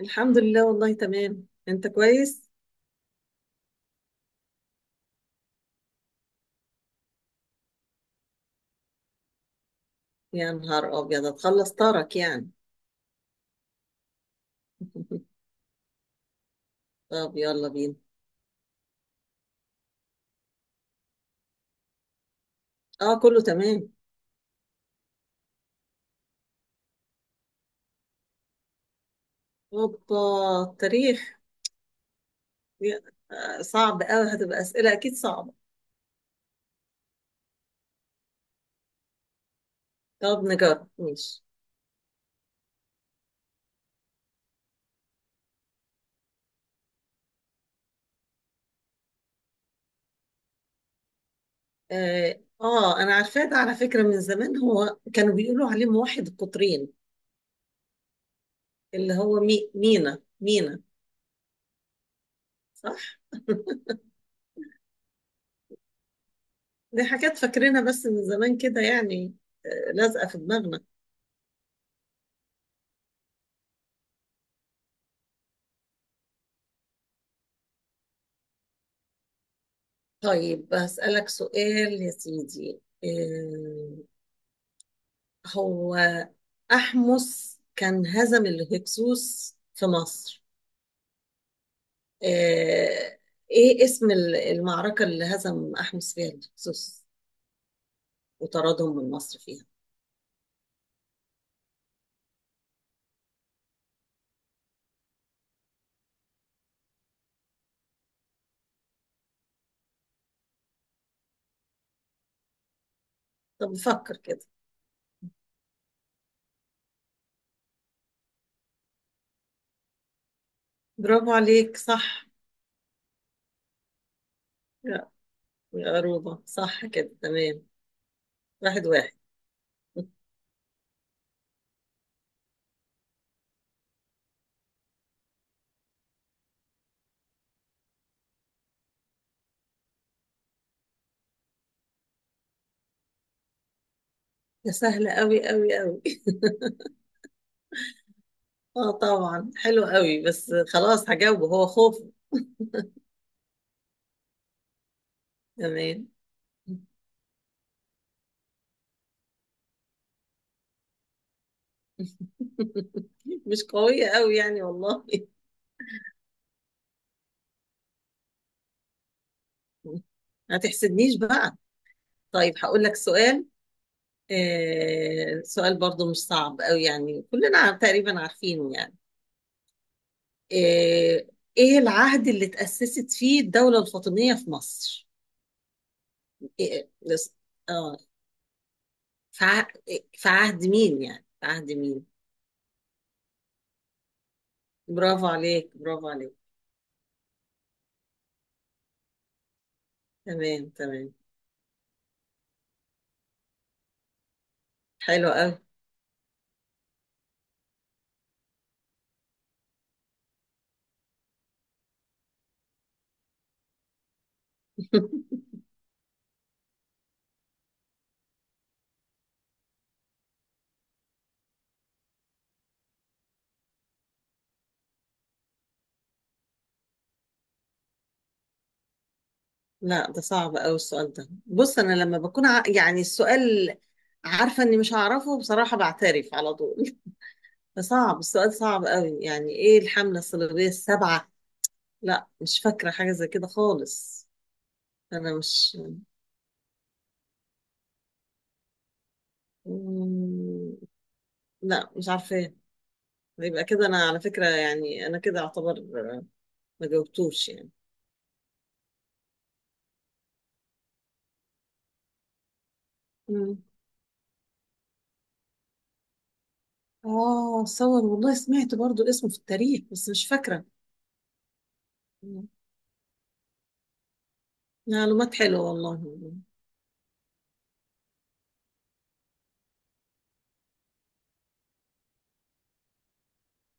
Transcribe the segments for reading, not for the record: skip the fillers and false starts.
الحمد لله والله تمام، انت كويس؟ يا نهار ابيض، هتخلص طارك يعني. طب يلا بينا. اه كله تمام. اوبا. التاريخ. يا- صعب قوي، هتبقى اسئله اكيد صعبه. طب نجرب ماشي. انا عارفاه ده على فكره من زمان. هو كانوا بيقولوا عليه موحد القطرين. اللي هو مي مينا مينا. صح. دي حاجات فاكرينها بس من زمان كده يعني. لازقه في دماغنا. طيب بسألك سؤال يا سيدي. هو أحمس كان هزم الهكسوس في مصر. آه، إيه اسم المعركة اللي هزم أحمس فيها الهكسوس وطردهم من مصر فيها؟ طب فكر كده. برافو عليك، صح. لا يا عروبة، صح كده تمام. واحد واحد. ده سهل قوي قوي قوي. اه طبعا حلو قوي، بس خلاص هجاوبه، هو خوف. كمان. مش قوية قوي يعني والله. ما تحسدنيش بقى. طيب هقول لك سؤال. آه، سؤال برضو مش صعب قوي يعني، كلنا تقريبا عارفينه يعني. آه، ايه العهد اللي تأسست فيه الدولة الفاطمية في مصر؟ إيه لس- اه في في عهد مين يعني في عهد مين؟ برافو عليك، برافو عليك. تمام تمام. حلو قوي. لا، ده صعب قوي السؤال ده. بص انا لما بكون يعني السؤال عارفه اني مش هعرفه بصراحه، بعترف على طول. فصعب السؤال، صعب قوي يعني. ايه الحمله الصليبيه السبعه؟ لا مش فاكره حاجه زي كده خالص. انا مش مم، لا مش عارفه. يبقى كده انا على فكره يعني، انا كده اعتبر ما جاوبتوش يعني. مم. اه صور، والله سمعت برضو اسمه في التاريخ بس مش فاكره. معلومات حلوة والله.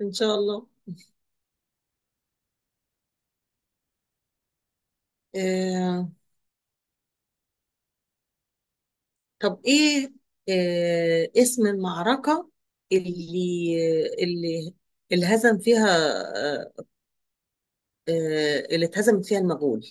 إن شاء الله. آه، طب إيه اسم المعركة اللي اللي اللي هزم فيها آه، اللي اتهزمت فيها المغول؟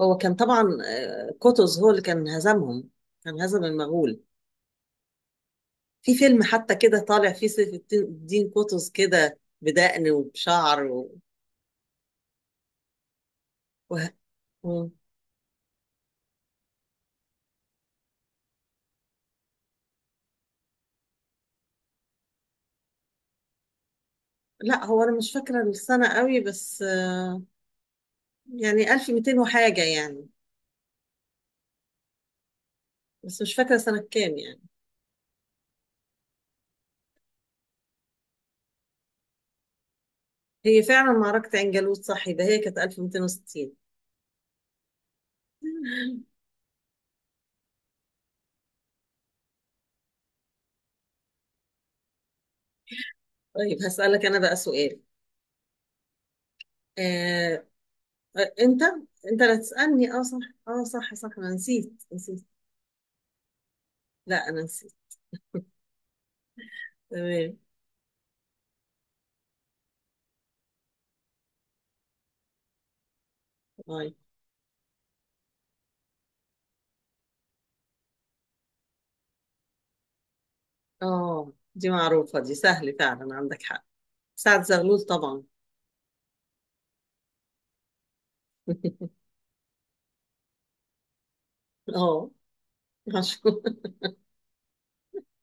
هو كان طبعا، قطز هو اللي كان هزمهم. كان هزم المغول. في فيلم حتى كده طالع فيه سيف الدين قطز، كده بدقن وبشعر و... و... و... لا هو أنا مش فاكرة السنة قوي، بس يعني 1200 وحاجة يعني. بس مش فاكرة سنة كام يعني. هي فعلا معركة عين جالوت، صح ده، هي كانت 1260. طيب هسألك أنا بقى سؤال. آه، أنت، أنت لا تسألني، أه صح. أه صح صح، أنا نسيت نسيت. لا أنا نسيت. تمام. طيب. أه دي معروفة دي، سهل فعلا عندك حق. سعد زغلول طبعا. أه مشهور.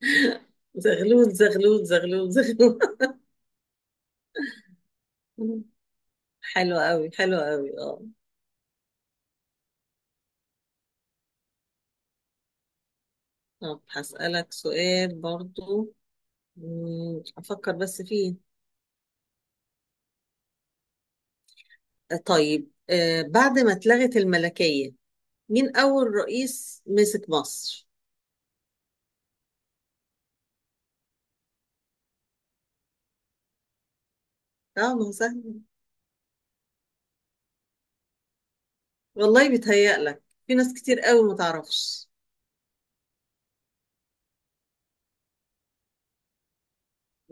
زغلول زغلول زغلول زغلول. حلو قوي، حلو قوي، أه. طب هسألك سؤال برضو. مم، أفكر بس فيه. طيب، بعد ما اتلغت الملكية، مين أول رئيس مسك مصر؟ اه ما هو سهل، والله بيتهيألك في ناس كتير قوي ما تعرفش.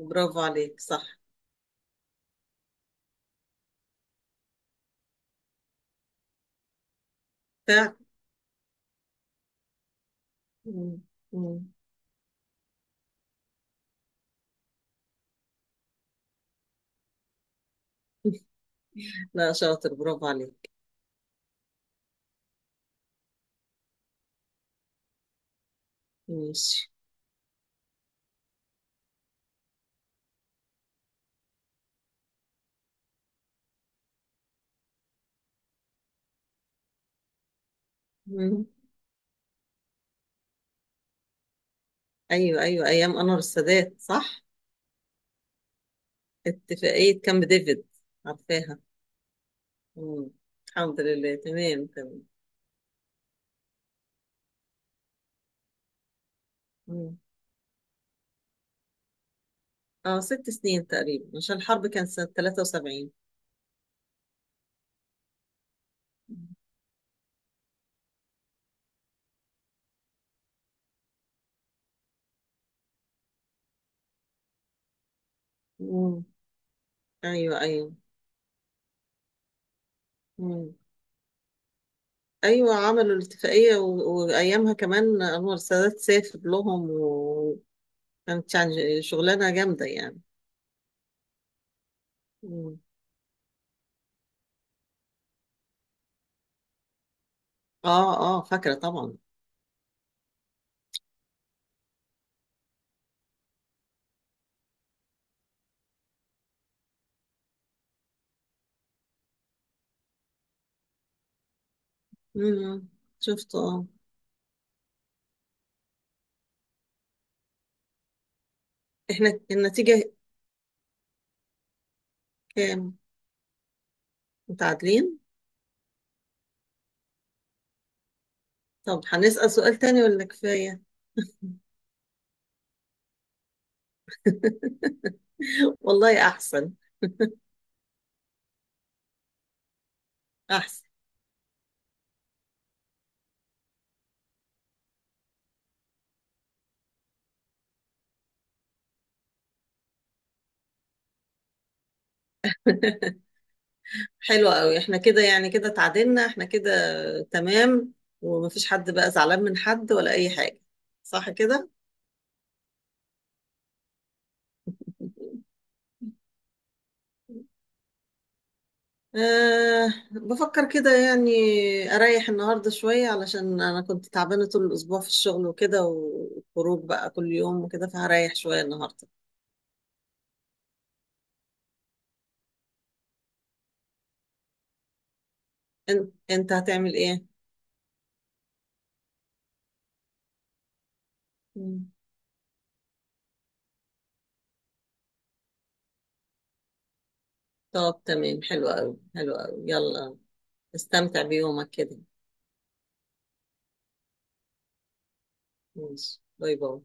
برافو عليك، صح. فعلا. مم، مم. لا شاطر، برافو عليك. ماشي. مم. أيوة أيوة، أيام أنور السادات صح. اتفاقية كامب ديفيد، عارفاها. مم. الحمد لله، تمام تمام. اه ست سنين تقريبا، عشان الحرب كانت سنة 73. مم. ايوه ايوه. مم. ايوه عملوا الاتفاقية و... وايامها كمان انور السادات سافر لهم، وكانت يعني شغلانة جامدة يعني. مم. اه اه فاكرة طبعا. مم. شفت اه. احنا النتيجة كام؟ متعادلين. طب هنسأل سؤال تاني ولا كفاية؟ والله احسن. احسن. حلو قوي، احنا كده يعني كده اتعادلنا احنا كده. تمام. ومفيش حد بقى زعلان من حد ولا اي حاجة، صح كده؟ أه بفكر كده يعني اريح النهاردة شوية، علشان انا كنت تعبانة طول الاسبوع في الشغل وكده، وخروج بقى كل يوم وكده، فهريح شوية النهاردة. انت، انت هتعمل ايه؟ مم. طب تمام، حلو قوي حلو قوي، يلا استمتع بيومك كده. ماشي باي باي.